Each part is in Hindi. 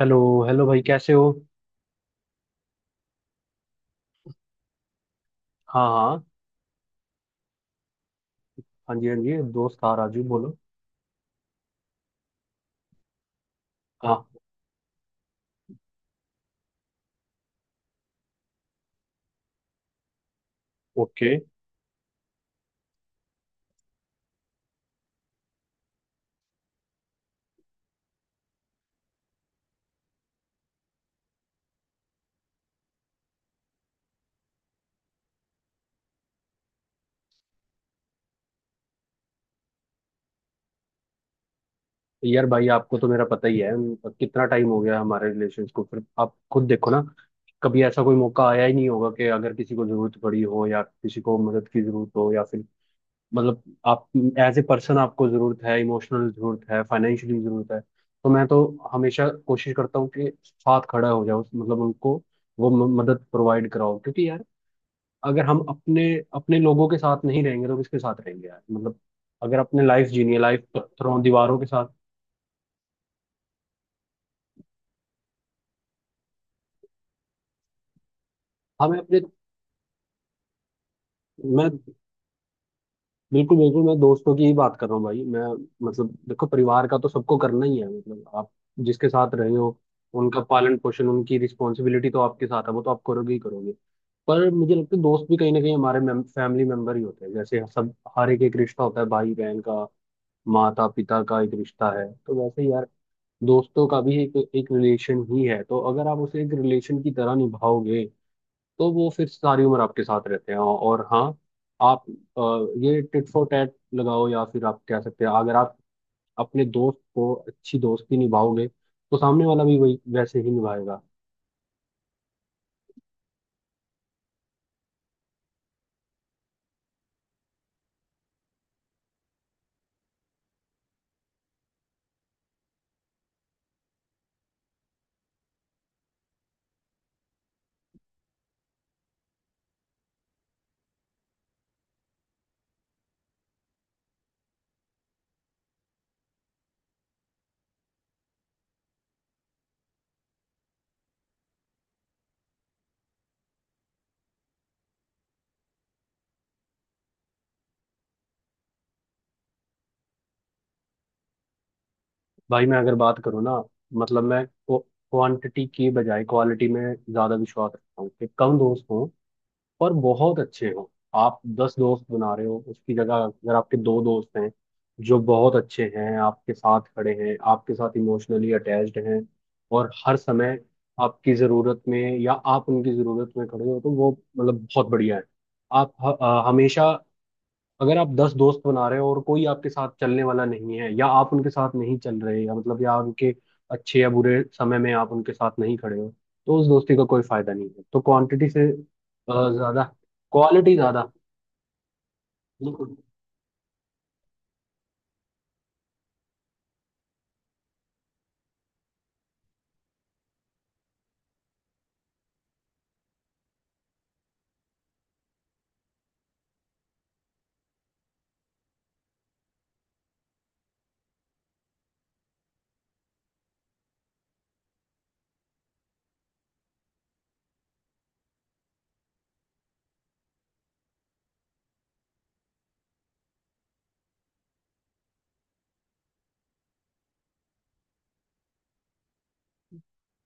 हेलो। हेलो भाई, कैसे हो? हाँ, हाँ। हाँ जी, हाँ जी। दोस्त था, राजू बोलो। हाँ। ओके। यार भाई, आपको तो मेरा पता ही है। कितना टाइम हो गया हमारे रिलेशन को। फिर आप खुद देखो ना, कभी ऐसा कोई मौका आया ही नहीं होगा कि अगर किसी को जरूरत पड़ी हो या किसी को मदद की जरूरत हो, या फिर मतलब आप एज ए पर्सन, आपको जरूरत है, इमोशनल जरूरत है, फाइनेंशियली जरूरत है। तो मैं तो हमेशा कोशिश करता हूँ कि साथ खड़ा हो जाऊँ, मतलब उनको वो मदद प्रोवाइड कराओ, क्योंकि यार अगर हम अपने अपने लोगों के साथ नहीं रहेंगे तो किसके साथ रहेंगे यार। मतलब अगर अपने लाइफ जीनी है, लाइफ पत्थरों दीवारों के साथ। हमें अपने। मैं बिल्कुल बिल्कुल, मैं दोस्तों की ही बात कर रहा हूँ भाई। मैं मतलब देखो, परिवार का तो सबको करना ही है, मतलब आप जिसके साथ रहे हो उनका पालन पोषण, उनकी रिस्पॉन्सिबिलिटी तो आपके साथ है, वो तो आप करोगे ही करोगे। पर मुझे लगता है दोस्त भी कहीं ना कहीं हमारे फैमिली मेंबर ही होते हैं। जैसे सब हर एक एक रिश्ता होता है, भाई बहन का, माता पिता का एक रिश्ता है, तो वैसे ही यार दोस्तों का भी एक एक रिलेशन ही है। तो अगर आप उसे एक रिलेशन की तरह निभाओगे तो वो फिर सारी उम्र आपके साथ रहते हैं। और हाँ, आप ये टिट फॉर टैट लगाओ, या फिर आप कह सकते हैं अगर आप अपने दोस्त को अच्छी दोस्ती निभाओगे तो सामने वाला भी वही, वैसे ही निभाएगा। भाई मैं अगर बात करूँ ना, मतलब मैं क्वांटिटी की बजाय क्वालिटी में ज़्यादा विश्वास रखता हूँ, कि कम दोस्त हों और बहुत अच्छे हो। आप दस दोस्त बना रहे हो, उसकी जगह अगर आपके दो दोस्त हैं जो बहुत अच्छे हैं, आपके साथ खड़े हैं, आपके साथ इमोशनली अटैच्ड हैं और हर समय आपकी ज़रूरत में या आप उनकी ज़रूरत में खड़े हो, तो वो मतलब बहुत बढ़िया है। आप हमेशा, अगर आप दस दोस्त बना रहे हो और कोई आपके साथ चलने वाला नहीं है या आप उनके साथ नहीं चल रहे, या मतलब या उनके अच्छे या बुरे समय में आप उनके साथ नहीं खड़े हो, तो उस दोस्ती का कोई फायदा नहीं है। तो क्वांटिटी से ज्यादा क्वालिटी ज्यादा। बिल्कुल।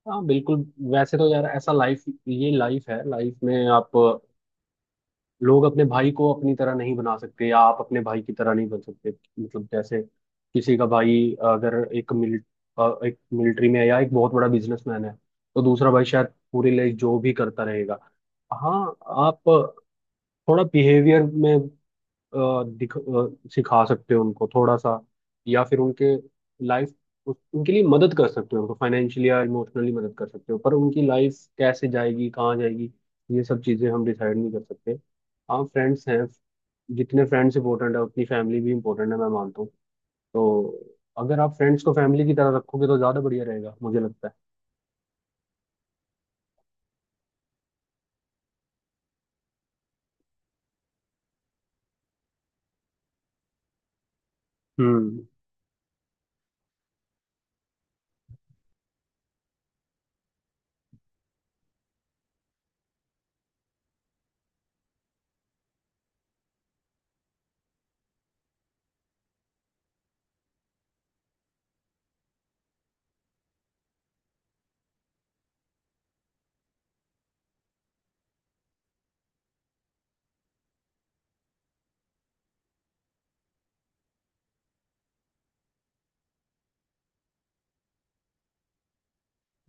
हाँ, बिल्कुल। वैसे तो यार ऐसा लाइफ, ये लाइफ है, लाइफ में आप लोग अपने भाई को अपनी तरह नहीं बना सकते, या आप अपने भाई की तरह नहीं बन सकते। मतलब जैसे किसी का भाई, अगर एक मिलिट्री में है या एक बहुत बड़ा बिजनेसमैन है, तो दूसरा भाई शायद पूरी लाइफ जो भी करता रहेगा। हाँ, आप थोड़ा बिहेवियर में अ, सिखा सकते हो उनको, थोड़ा सा, या फिर लाइफ उनके लिए मदद कर सकते हो, उनको फाइनेंशियली या इमोशनली मदद कर सकते हो, पर उनकी लाइफ कैसे जाएगी, कहाँ जाएगी, ये सब चीज़ें हम डिसाइड नहीं कर सकते। हाँ, फ्रेंड्स हैं, जितने फ्रेंड्स इंपॉर्टेंट है उतनी फैमिली भी इंपॉर्टेंट है, मैं मानता हूँ। तो अगर आप फ्रेंड्स को फैमिली की तरह रखोगे तो ज़्यादा बढ़िया रहेगा, मुझे लगता है। हम्म।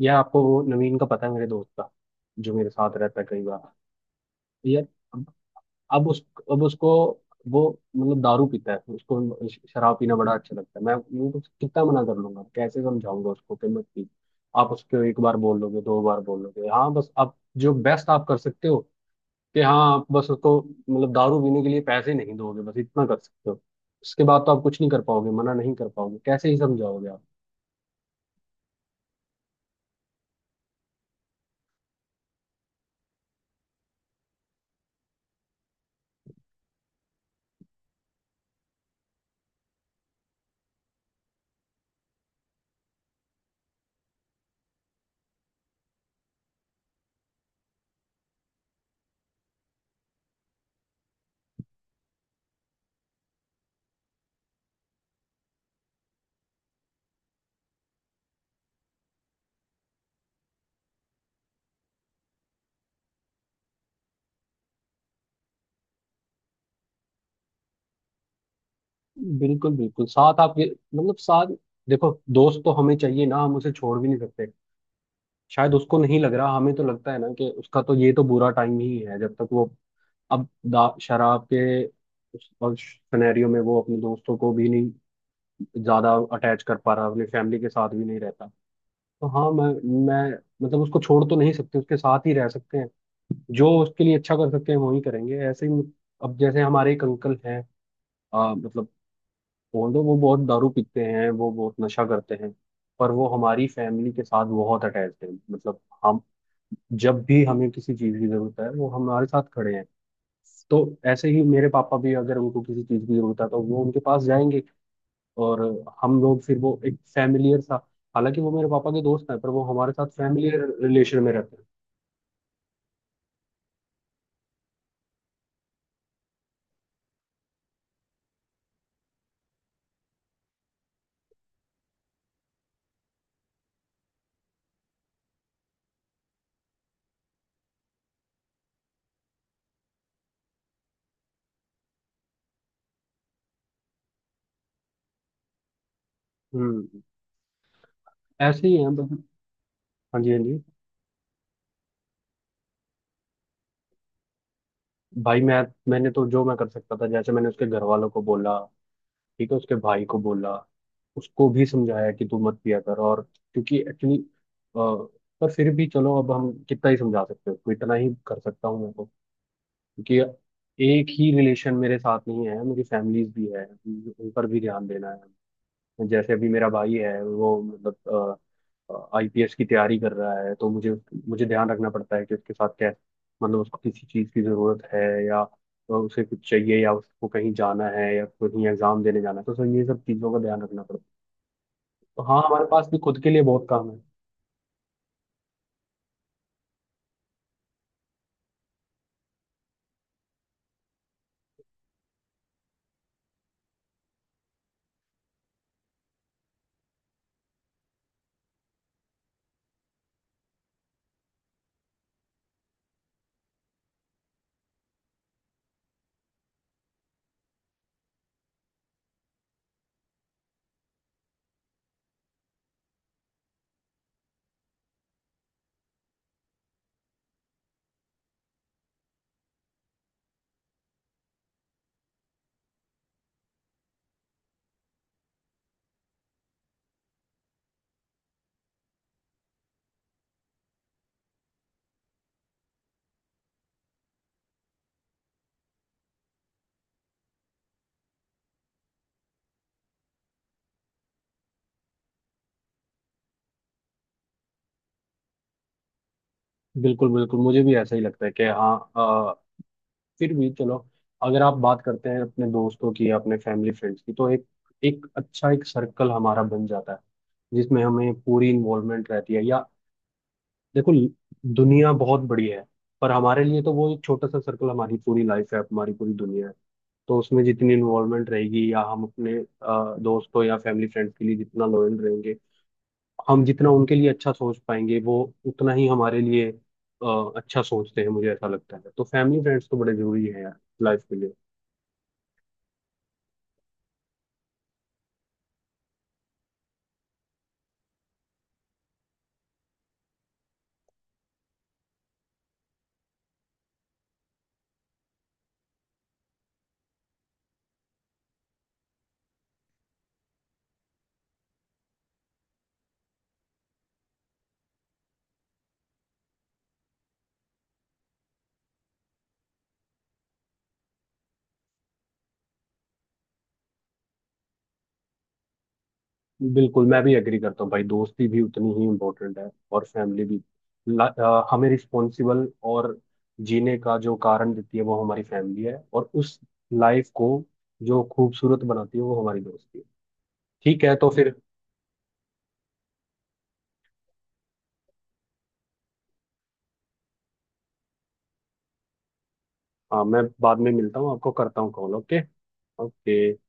यह आपको वो नवीन का पता है, मेरे दोस्त का, जो मेरे साथ रहता है कई बार? यार, अब उस अब उसको, वो मतलब दारू पीता है, उसको शराब पीना बड़ा अच्छा लगता है। मैं कुछ कितना मना कर लूंगा, कैसे समझाऊंगा उसको कि मत पी। आप उसको एक बार बोल लोगे, दो बार बोल लोगे, हाँ, बस आप जो बेस्ट आप कर सकते हो, कि हाँ आप बस उसको मतलब दारू पीने के लिए पैसे नहीं दोगे, बस इतना कर सकते हो। उसके बाद तो आप कुछ नहीं कर पाओगे, मना नहीं कर पाओगे, कैसे ही समझाओगे आप। बिल्कुल बिल्कुल, साथ आप मतलब साथ, देखो दोस्त तो हमें चाहिए ना, हम उसे छोड़ भी नहीं सकते। शायद उसको नहीं लग रहा, हमें तो लगता है ना कि उसका तो ये तो बुरा टाइम ही है, जब तक वो। अब शराब के उस सिनेरियो में वो अपने दोस्तों को भी नहीं ज्यादा अटैच कर पा रहा, अपनी फैमिली के साथ भी नहीं रहता। तो हाँ मैं मतलब उसको छोड़ तो नहीं सकते, उसके साथ ही रह सकते हैं, जो उसके लिए अच्छा कर सकते हैं वो ही करेंगे। ऐसे ही, अब जैसे हमारे एक अंकल हैं, मतलब ऑल्दो वो बहुत दारू पीते हैं, वो बहुत नशा करते हैं, पर वो हमारी फैमिली के साथ बहुत अटैच है। मतलब हम, जब भी हमें किसी चीज की जरूरत है, वो हमारे साथ खड़े हैं। तो ऐसे ही मेरे पापा भी, अगर उनको किसी चीज की जरूरत है तो वो उनके पास जाएंगे, और हम लोग फिर वो एक फैमिलियर सा। हालांकि वो मेरे पापा के दोस्त हैं, पर वो हमारे साथ फैमिलियर रिलेशन में रहते हैं। हम्म। ऐसे ही है मतलब। हाँ जी, हाँ जी। भाई मैंने तो जो मैं कर सकता था, जैसे मैंने उसके घर वालों को बोला, ठीक है, उसके भाई को बोला, उसको भी समझाया कि तू मत पिया कर, और क्योंकि एक्चुअली, पर फिर भी चलो, अब हम कितना ही समझा सकते हैं उसको, इतना ही कर सकता हूँ मैं तो, क्योंकि एक ही रिलेशन मेरे साथ नहीं है, मेरी फैमिलीज भी है, उन पर भी ध्यान देना है। जैसे अभी मेरा भाई है, वो मतलब आईपीएस की तैयारी कर रहा है, तो मुझे मुझे ध्यान रखना पड़ता है कि उसके साथ क्या, मतलब उसको किसी चीज़ की ज़रूरत है, या उसे कुछ चाहिए, या उसको कहीं जाना है, या कहीं एग्ज़ाम देने जाना है, तो सर ये सब चीज़ों का ध्यान रखना पड़ता है। तो हाँ, हमारे पास भी खुद के लिए बहुत काम है। बिल्कुल बिल्कुल, मुझे भी ऐसा ही लगता है कि हाँ। फिर भी चलो, अगर आप बात करते हैं अपने दोस्तों की या अपने फैमिली फ्रेंड्स की, तो एक एक अच्छा एक सर्कल हमारा बन जाता है, जिसमें हमें पूरी इन्वॉल्वमेंट रहती है। या देखो दुनिया बहुत बड़ी है, पर हमारे लिए तो वो एक छोटा सा सर्कल हमारी पूरी लाइफ है, हमारी पूरी दुनिया है। तो उसमें जितनी इन्वॉल्वमेंट रहेगी, या हम अपने दोस्तों या फैमिली फ्रेंड्स के लिए जितना लॉयल रहेंगे, हम जितना उनके लिए अच्छा सोच पाएंगे, वो उतना ही हमारे लिए अच्छा सोचते हैं, मुझे ऐसा लगता है। तो फैमिली फ्रेंड्स तो बड़े जरूरी है यार, लाइफ के लिए। बिल्कुल, मैं भी एग्री करता हूँ भाई, दोस्ती भी उतनी ही इम्पोर्टेंट है और फैमिली भी। हमें रिस्पॉन्सिबल और जीने का जो कारण देती है वो हमारी फैमिली है, और उस लाइफ को जो खूबसूरत बनाती है वो हमारी दोस्ती है। ठीक है, तो फिर हाँ, मैं बाद में मिलता हूँ आपको, करता हूँ कॉल। ओके। ओके।